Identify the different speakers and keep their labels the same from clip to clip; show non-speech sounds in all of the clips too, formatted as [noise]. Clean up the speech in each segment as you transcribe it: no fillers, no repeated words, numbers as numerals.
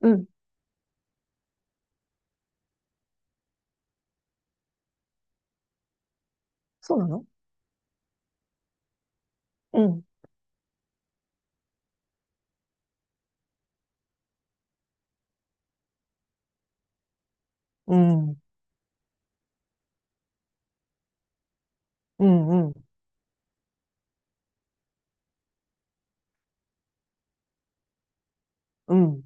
Speaker 1: うん。そうなの。うん。うん。うん。うん。うん。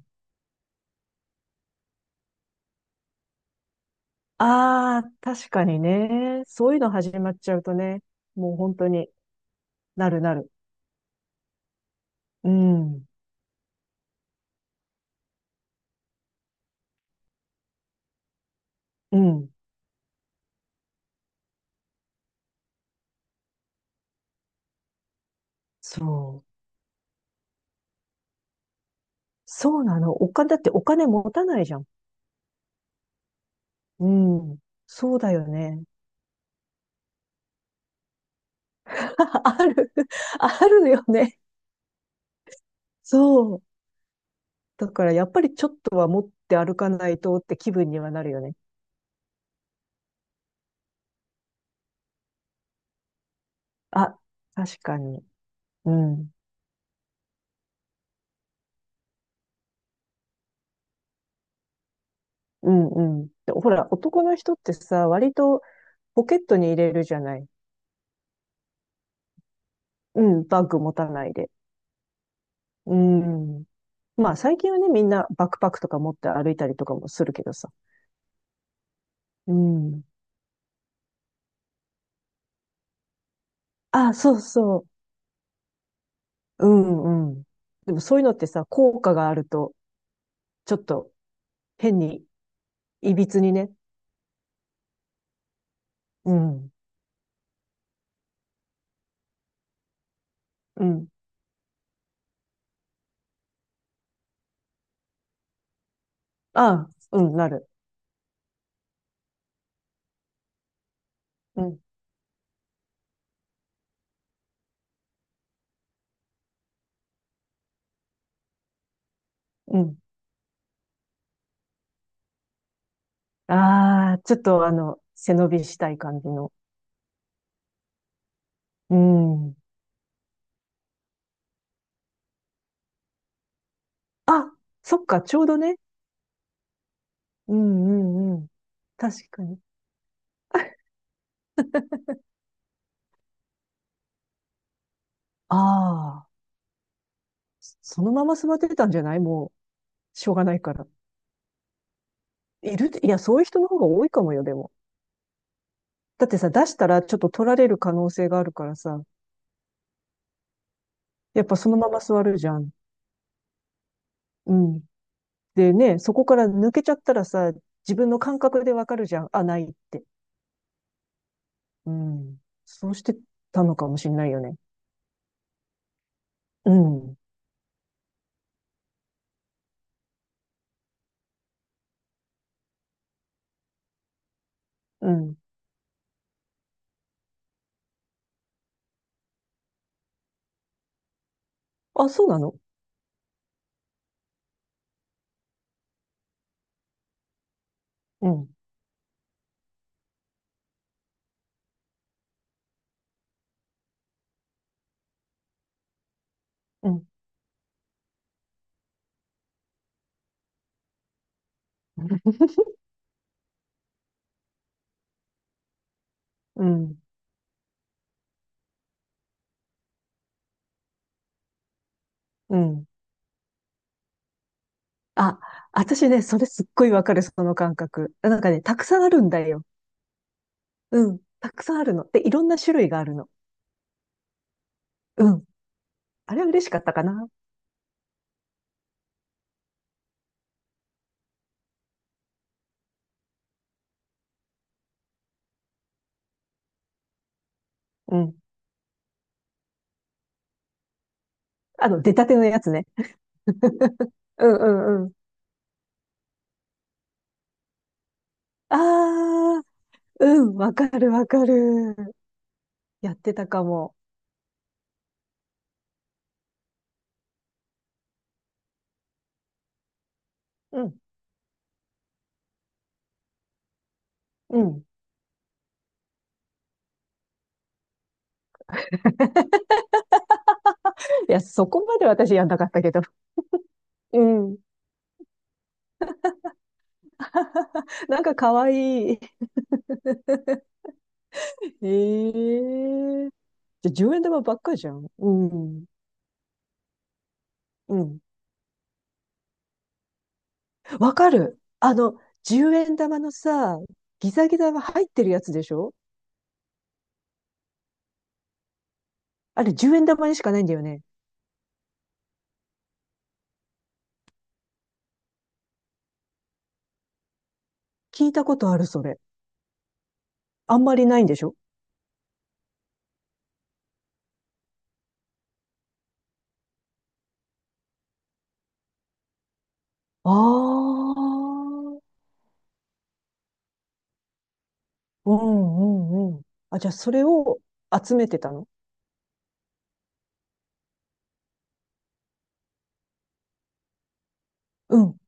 Speaker 1: ああ、確かにね。そういうの始まっちゃうとね。もう本当になるなる。うん。うん。そう。そうなの。お金、だってお金持たないじゃん。うん。そうだよね。[laughs] ある。[laughs] あるよね。そう。だからやっぱりちょっとは持って歩かないとって気分にはなるよね。あ、確かに。うん。うんうん。でほら、男の人ってさ、割とポケットに入れるじゃない。うん、バッグ持たないで。うん。まあ最近はね、みんなバックパックとか持って歩いたりとかもするけどさ。うん。あ、そうそう。うんうん。でもそういうのってさ、効果があると、ちょっと変に、いびつにね。うん。うん。あ、うん、なる。うん。うん。ああ、ちょっとあの、背伸びしたい感じの。うん。あ、そっか、ちょうどね。うんうんうん。確かに。[laughs] ああ。そのまま座ってたんじゃない。もう、しょうがないから。いる、いや、そういう人の方が多いかもよ、でも。だってさ、出したらちょっと取られる可能性があるからさ、やっぱそのまま座るじゃん。うん。でね、そこから抜けちゃったらさ、自分の感覚でわかるじゃん。あ、ないって。うん。そうしてたのかもしんないよね。うん。うん。あ、そうなの。うん。うん。[laughs] うん。うん。あ、私ね、それすっごいわかる、その感覚。なんかね、たくさんあるんだよ。うん。たくさんあるの。で、いろんな種類があるの。うん。あれは嬉しかったかな。うん。あの、出たてのやつね。うんうんうん。ああ、うん。わかるわかる。やってたかも。うん。うん。いや、そこまで私やんなかったけど。うん。[laughs] なんかかわいい。ええ。じゃ、10円玉ばっかじゃん。うん。うん。わかる。あの、10円玉のさ、ギザギザが入ってるやつでしょ。あれ、10円玉にしかないんだよね。聞いたことある、それ。あんまりないんでしょ。ああ。うんうんうん。あ、じゃあ、それを集めてたの？うん、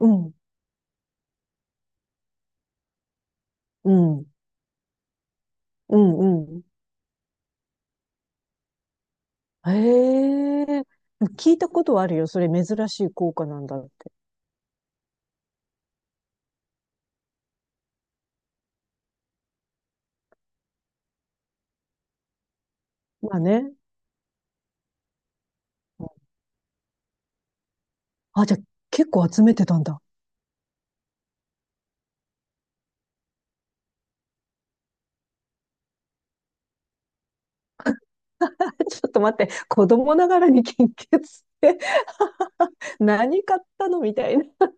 Speaker 1: うん、うん、うん、うん。へえ。聞いたことはあるよ。それ珍しい効果なんだって。まあね。あ、じゃあ、結構集めてたんだ。[laughs] ちょっと待って、子供ながらに献血って。 [laughs] 何買ったのみたいな。[laughs]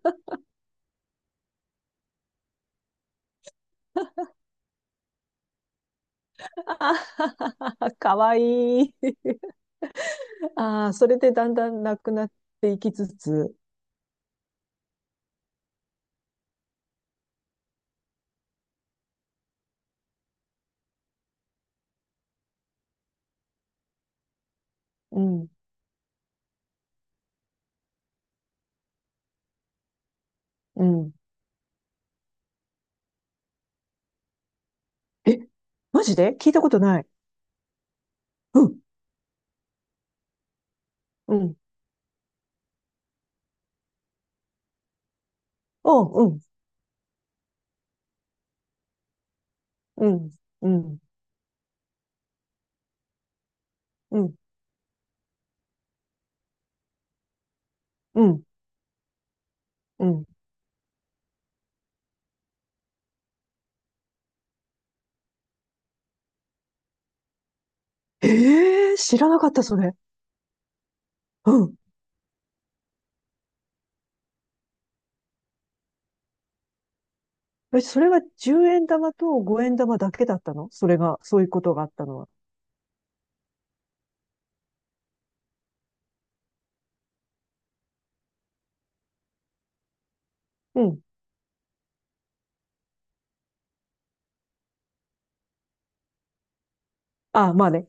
Speaker 1: あはははかわいい。ああ、それでだんだんなくなっていきつつ、うん。うん。え、マジで聞いたことない。うん、うん、おう、うん、うん、うん、うん、うん。ええー、知らなかった、それ。うん。え、それは10円玉と5円玉だけだったの？それが、そういうことがあったのは。うん。あ、まあね。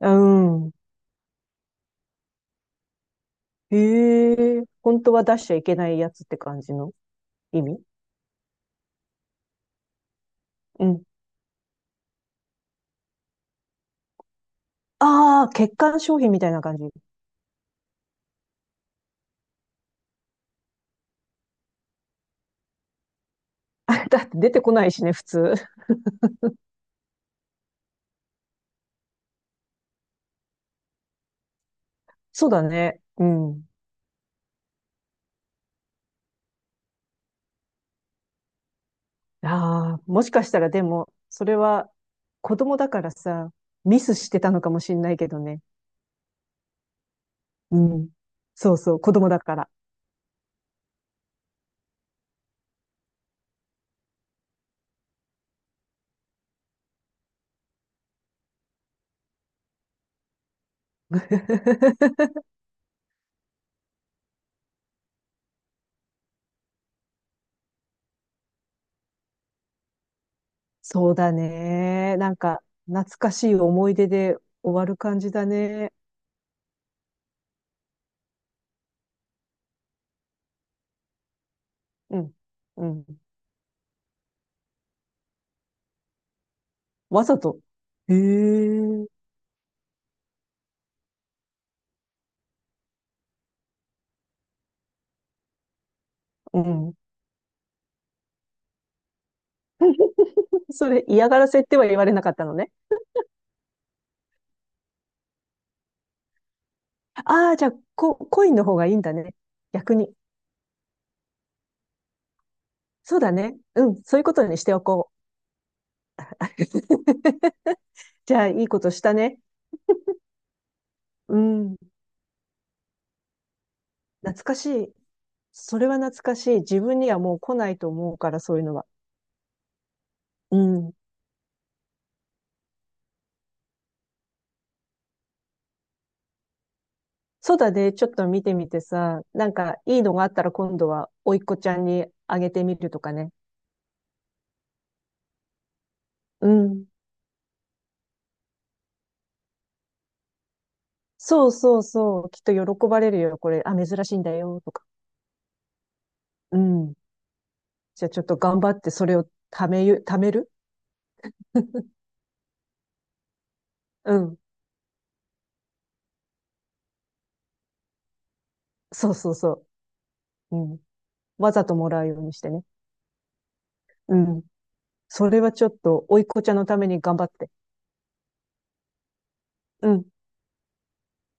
Speaker 1: うん。ええー、本当は出しちゃいけないやつって感じの意味？うん。ああ、欠陥商品みたいな感じ。[laughs] あ、だって出てこないしね、普通。そうだね。うん。ああ、もしかしたらでも、それは子供だからさ、ミスしてたのかもしんないけどね。うん。そうそう、子供だから。[laughs] そうだね。なんか、懐かしい思い出で終わる感じだね。うん。うん。わざと。へえ。うん。それ嫌がらせっては言われなかったのね。ああ、じゃあ、コインの方がいいんだね。逆に。そうだね。うん。そういうことにしておこう。[laughs] じゃあ、いいことしたね。うん。懐かしい。それは懐かしい。自分にはもう来ないと思うから、そういうのは。うん。そうだね。ちょっと見てみてさ、なんかいいのがあったら今度は、甥っ子ちゃんにあげてみるとかね。うん。そうそうそう。きっと喜ばれるよ。これ、あ、珍しいんだよ。とか。うん。じゃあちょっと頑張ってそれを貯める。うん。そうそうそう。うん。わざともらうようにしてね。うん。それはちょっと、甥っ子ちゃんのために頑張って。うん。